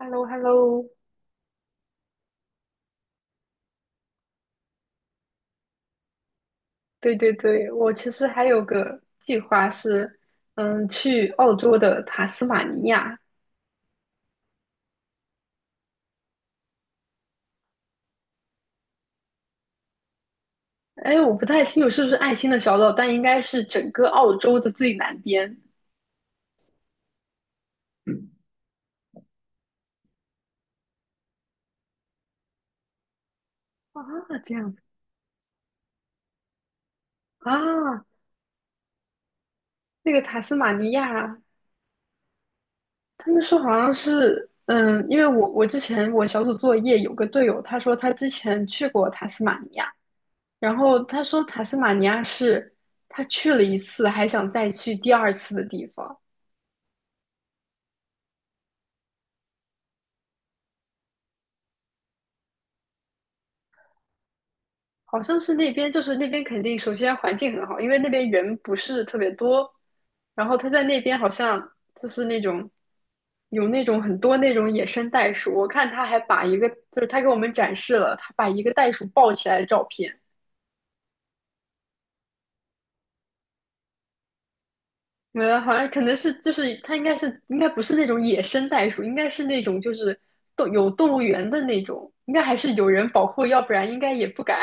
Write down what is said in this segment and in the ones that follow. h e l l o h e l l o 对对对，我其实还有个计划是，去澳洲的塔斯马尼亚。哎，我不太清楚是不是爱心的小岛，但应该是整个澳洲的最南边啊，这样子啊。那个塔斯马尼亚，他们说好像是，因为我之前我小组作业有个队友，他说他之前去过塔斯马尼亚，然后他说塔斯马尼亚是他去了一次还想再去第二次的地方。好像是那边，就是那边肯定首先环境很好，因为那边人不是特别多，然后他在那边好像就是那种有那种很多那种野生袋鼠，我看他还把一个就是他给我们展示了他把一个袋鼠抱起来的照片，好像可能是就是他应该不是那种野生袋鼠，应该是那种就是有动物园的那种，应该还是有人保护，要不然应该也不敢。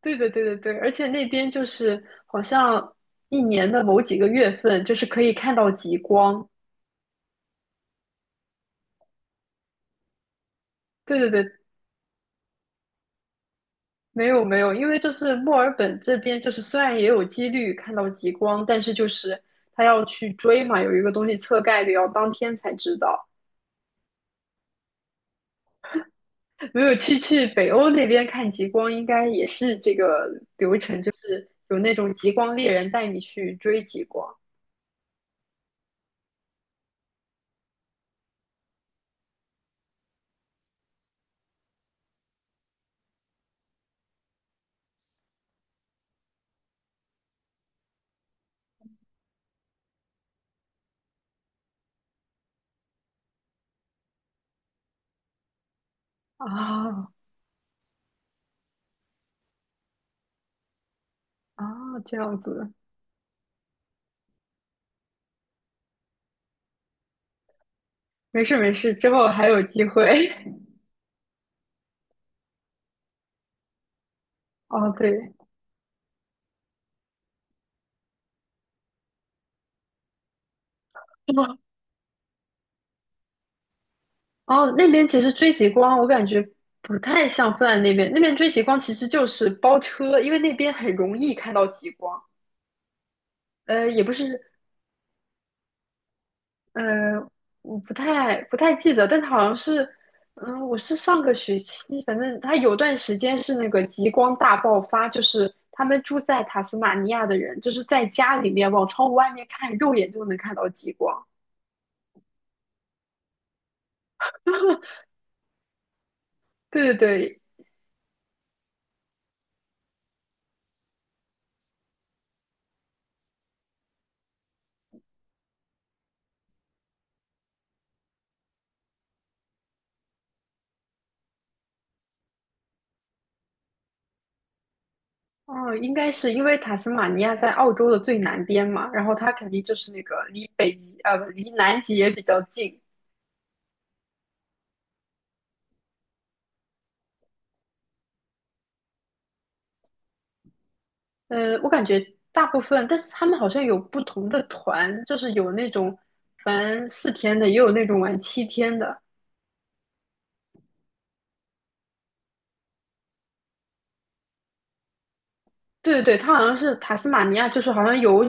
对的，对的，对，而且那边就是好像一年的某几个月份，就是可以看到极光。对对对，没有没有，因为就是墨尔本这边，就是虽然也有几率看到极光，但是就是他要去追嘛，有一个东西测概率，要当天才知道。没有去北欧那边看极光，应该也是这个流程，就是有那种极光猎人带你去追极光啊啊，这样子，没事没事，之后还有机会。哦，对，哦，哦那边其实追极光，我感觉不太像芬兰那边。那边追极光其实就是包车，因为那边很容易看到极光。也不是，呃，我不太记得，但它好像是，我是上个学期，反正它有段时间是那个极光大爆发，就是他们住在塔斯马尼亚的人，就是在家里面往窗户外面看，肉眼就能看到极光。对对对，哦，应该是因为塔斯马尼亚在澳洲的最南边嘛，然后它肯定就是那个离北极，不离南极也比较近。我感觉大部分，但是他们好像有不同的团，就是有那种玩4天的，也有那种玩7天的。对对对，它好像是塔斯马尼亚，就是好像有，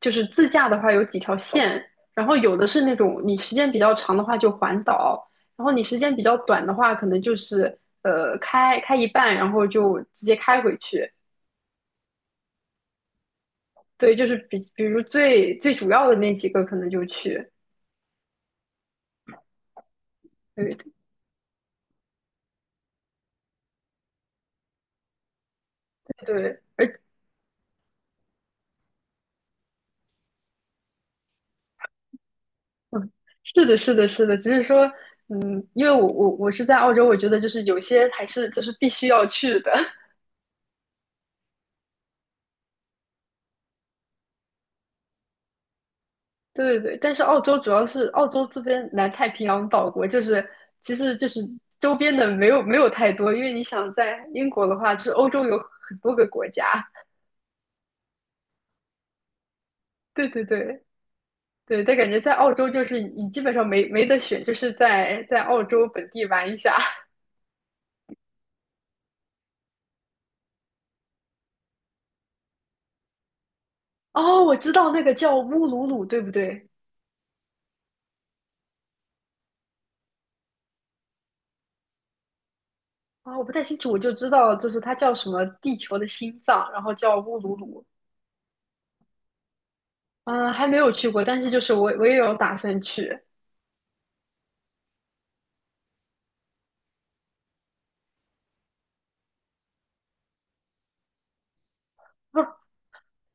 就是自驾的话有几条线，然后有的是那种你时间比较长的话就环岛，然后你时间比较短的话，可能就是开一半，然后就直接开回去。对，就是比如最最主要的那几个可能就去，对对，嗯，是的，是的，是的，只是说，因为我是在澳洲，我觉得就是有些还是就是必须要去的，对对，但是澳洲主要是澳洲这边南太平洋岛国，就是其实就是周边的没有太多，因为你想在英国的话，就是欧洲有很多个国家，对对对。对，但感觉在澳洲就是你基本上没得选，就是在澳洲本地玩一下。哦，我知道那个叫乌鲁鲁，对不对？啊、我不太清楚，我就知道就是它叫什么地球的心脏，然后叫乌鲁鲁。嗯，还没有去过，但是就是我也有打算去。不，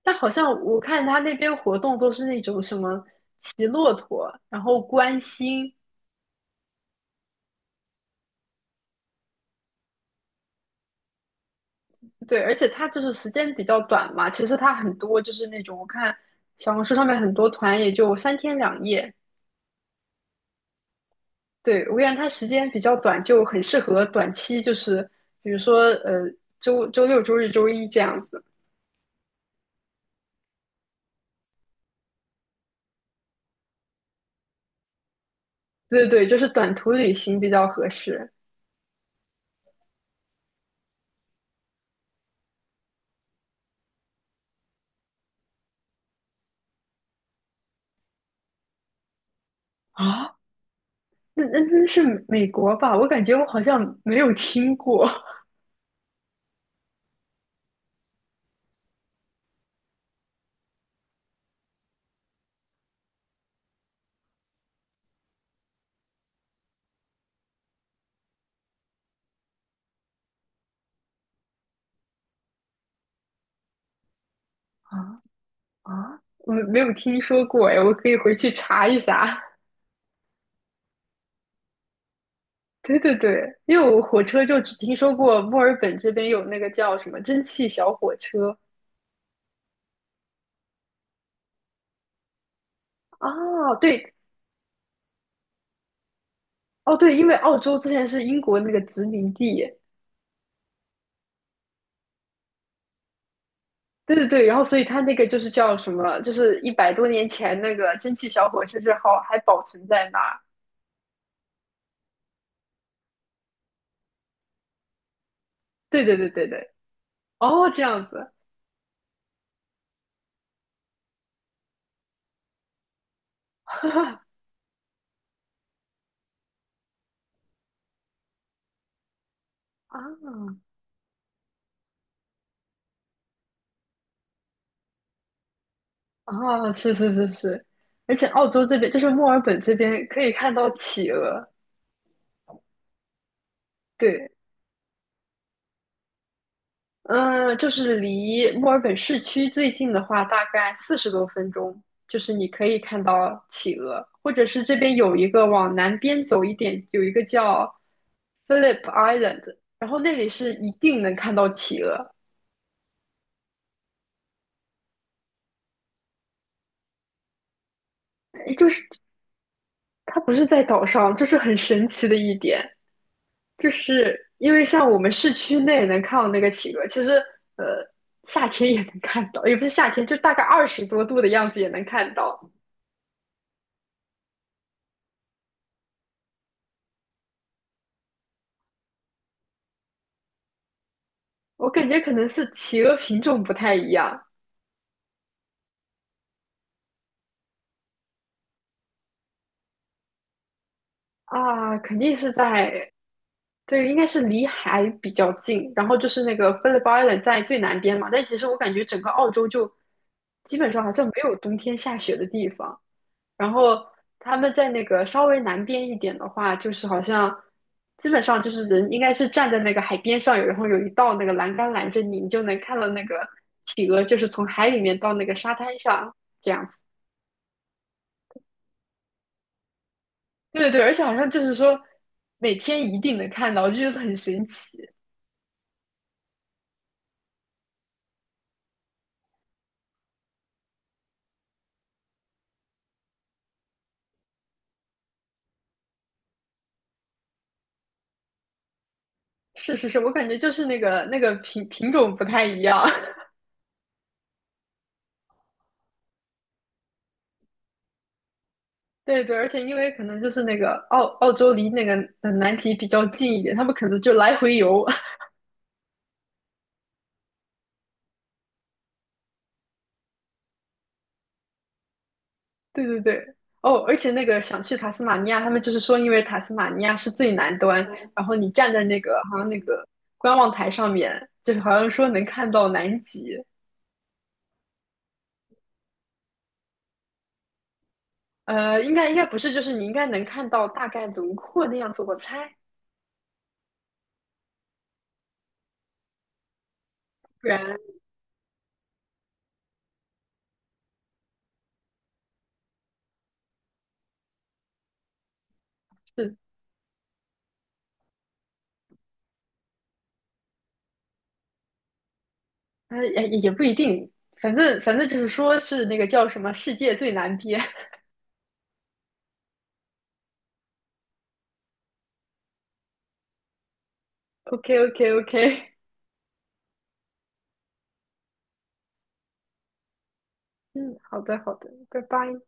但好像我看他那边活动都是那种什么骑骆驼，然后观星，对，而且它就是时间比较短嘛。其实它很多就是那种我看小红书上面很多团也就3天2夜，对，我感觉它时间比较短，就很适合短期，就是比如说呃周六、周日、周一这样子。对对，就是短途旅行比较合适。啊那是美国吧？我感觉我好像没有听过，啊啊！我没有听说过哎，我可以回去查一下。对对对，因为我火车就只听说过墨尔本这边有那个叫什么蒸汽小火车啊，对哦对，因为澳洲之前是英国那个殖民地，对对对，然后所以它那个就是叫什么，就是100多年前那个蒸汽小火车之好还保存在那儿。对对对对对，哦，这样子啊啊，是是是是，而且澳洲这边就是墨尔本这边可以看到企鹅，对，嗯，就是离墨尔本市区最近的话，大概40多分钟，就是你可以看到企鹅，或者是这边有一个往南边走一点，有一个叫 Phillip Island，然后那里是一定能看到企鹅，诶就是它不是在岛上，这是很神奇的一点，就是因为像我们市区内能看到那个企鹅，其实呃夏天也能看到，也不是夏天，就大概20多度的样子也能看到。我感觉可能是企鹅品种不太一样啊，肯定是在，对，应该是离海比较近，然后就是那个 Phill 在最南边嘛，但其实我感觉整个澳洲就基本上好像没有冬天下雪的地方，然后他们在那个稍微南边一点的话，就是好像基本上就是人应该是站在那个海边上有，然后有一道那个栏杆拦着你，你就能看到那个企鹅就是从海里面到那个沙滩上这样。对对对而且好像就是说每天一定能看到，我就觉得很神奇。是是是，我感觉就是那个品种不太一样。对对，而且因为可能就是那个澳洲离那个南极比较近一点，他们可能就来回游。对对对，哦，而且那个想去塔斯马尼亚，他们就是说因为塔斯马尼亚是最南端，然后你站在那个好像那个观望台上面，就是好像说能看到南极。应该不是，就是你应该能看到大概轮廓那样子，我猜。不然是，哎也不一定，反正就是说是那个叫什么世界最难编。OK OK OK，嗯，好的好的，拜拜。